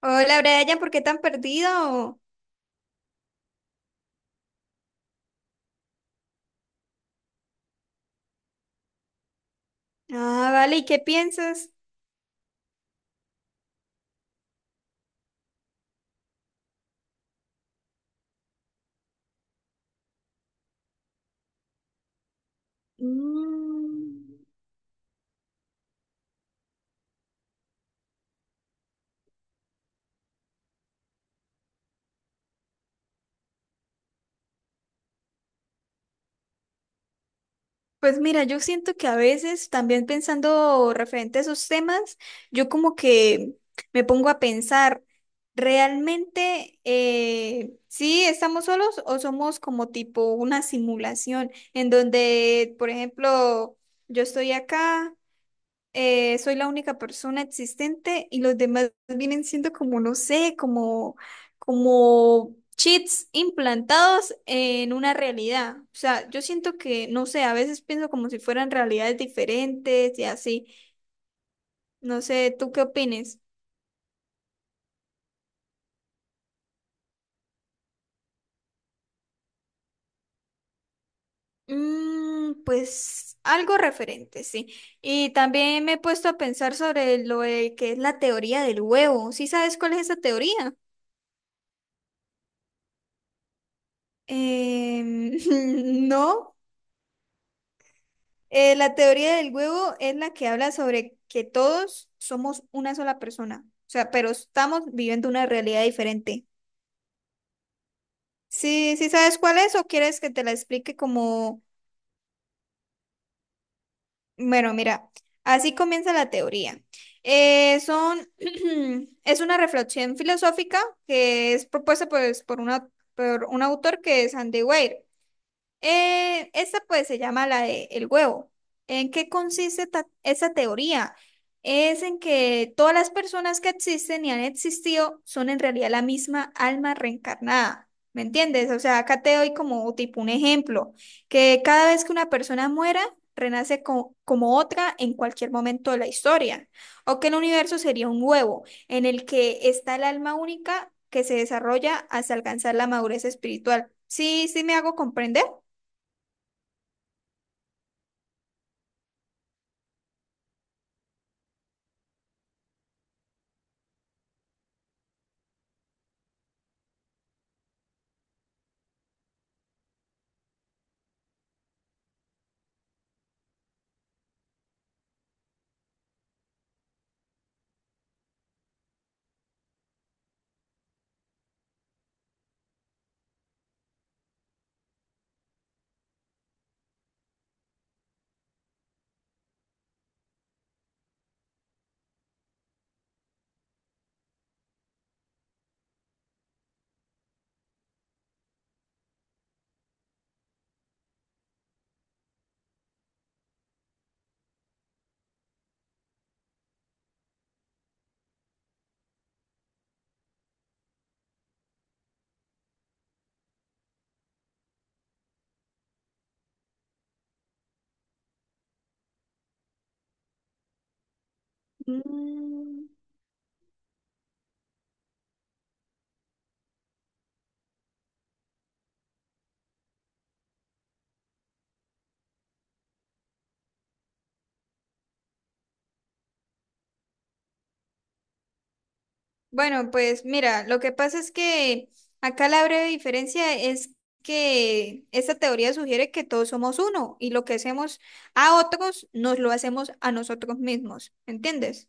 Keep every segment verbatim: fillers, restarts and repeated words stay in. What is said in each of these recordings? Hola Brian, ¿por qué tan perdido? Ah, vale, ¿y qué piensas? Mm. Pues mira, yo siento que a veces también pensando referente a esos temas, yo como que me pongo a pensar, ¿realmente eh, sí estamos solos o somos como tipo una simulación en donde, por ejemplo, yo estoy acá, eh, soy la única persona existente y los demás vienen siendo como, no sé, como, como chips implantados en una realidad. O sea, yo siento que, no sé, a veces pienso como si fueran realidades diferentes y así. No sé, ¿tú qué opines? Mm, pues algo referente, sí. Y también me he puesto a pensar sobre lo de que es la teoría del huevo. ¿Sí sabes cuál es esa teoría? Em, no. Eh, la teoría del huevo es la que habla sobre que todos somos una sola persona, o sea, pero estamos viviendo una realidad diferente. Sí, ¿sí sabes cuál es o quieres que te la explique? Como, bueno, mira, así comienza la teoría. Eh, son, es una reflexión filosófica que es propuesta pues, por una, por un autor que es Andy Weir. Eh, esa pues se llama la de el huevo. ¿En qué consiste ta- esa teoría? Es en que todas las personas que existen y han existido son en realidad la misma alma reencarnada. ¿Me entiendes? O sea, acá te doy como tipo un ejemplo, que cada vez que una persona muera, renace co- como otra en cualquier momento de la historia, o que el universo sería un huevo en el que está el alma única que se desarrolla hasta alcanzar la madurez espiritual. Sí, sí me hago comprender. Mm. Bueno, pues mira, lo que pasa es que acá la breve diferencia es que esta teoría sugiere que todos somos uno y lo que hacemos a otros nos lo hacemos a nosotros mismos, ¿entiendes?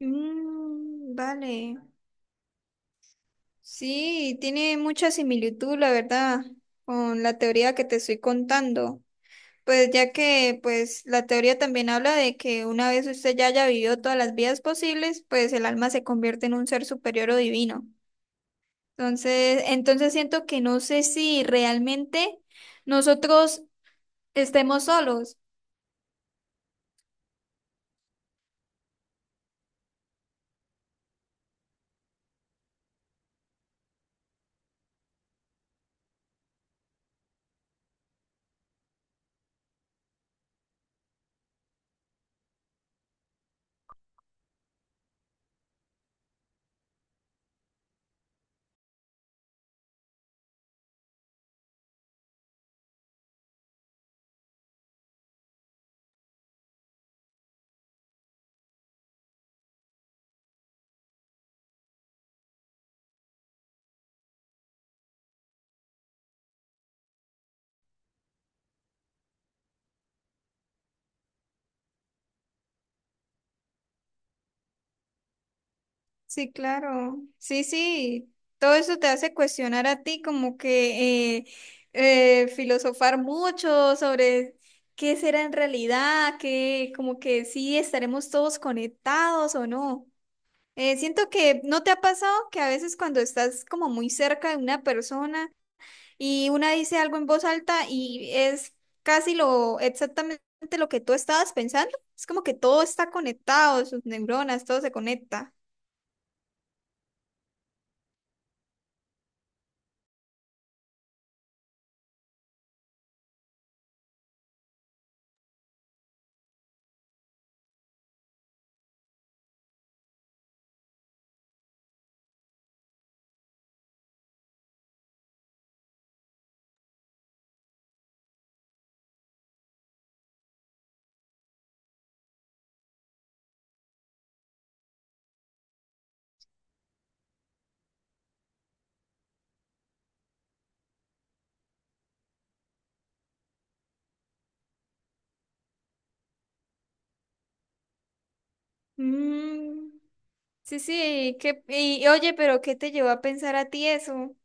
Mm, vale. Sí, tiene mucha similitud, la verdad, con la teoría que te estoy contando. Pues ya que pues la teoría también habla de que una vez usted ya haya vivido todas las vidas posibles, pues el alma se convierte en un ser superior o divino. Entonces, entonces siento que no sé si realmente nosotros estemos solos. Sí, claro. Sí, sí. Todo eso te hace cuestionar a ti, como que eh, eh, filosofar mucho sobre qué será en realidad, que como que sí estaremos todos conectados o no. Eh, siento que no te ha pasado que a veces cuando estás como muy cerca de una persona y una dice algo en voz alta y es casi lo exactamente lo que tú estabas pensando. Es como que todo está conectado, sus neuronas, todo se conecta. Mm, sí, sí, qué- y y oye, pero ¿qué te llevó a pensar a ti eso?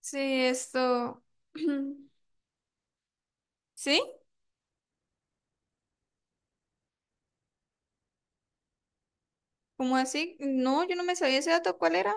Sí, esto. ¿Sí? ¿Cómo así? No, yo no me sabía ese dato, ¿cuál era?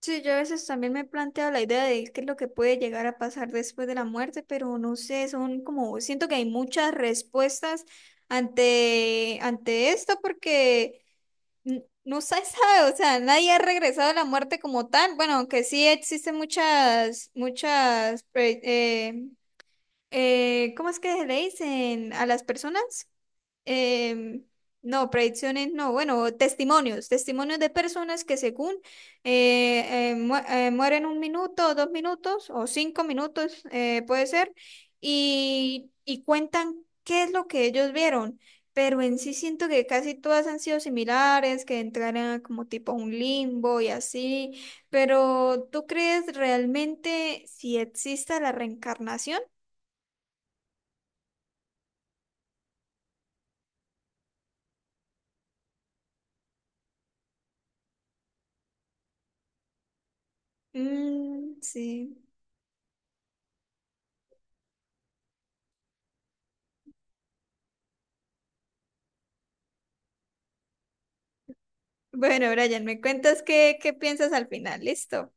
Sí, yo a veces también me he planteado la idea de qué es lo que puede llegar a pasar después de la muerte, pero no sé, son como, siento que hay muchas respuestas ante, ante esto porque n- no se sabe, o sea, nadie ha regresado a la muerte como tal. Bueno, aunque sí existen muchas, muchas, pre- eh, eh, ¿cómo es que le dicen a las personas? Em, no, predicciones, no, bueno, testimonios, testimonios de personas que según eh, eh, mu- eh, mueren un minuto, dos minutos o cinco minutos, eh, puede ser, y, y cuentan qué es lo que ellos vieron. Pero en sí siento que casi todas han sido similares, que entraran como tipo a un limbo y así. Pero ¿tú crees realmente si exista la reencarnación? Mm, sí. Bueno, Brian, me cuentas qué, qué piensas al final, listo.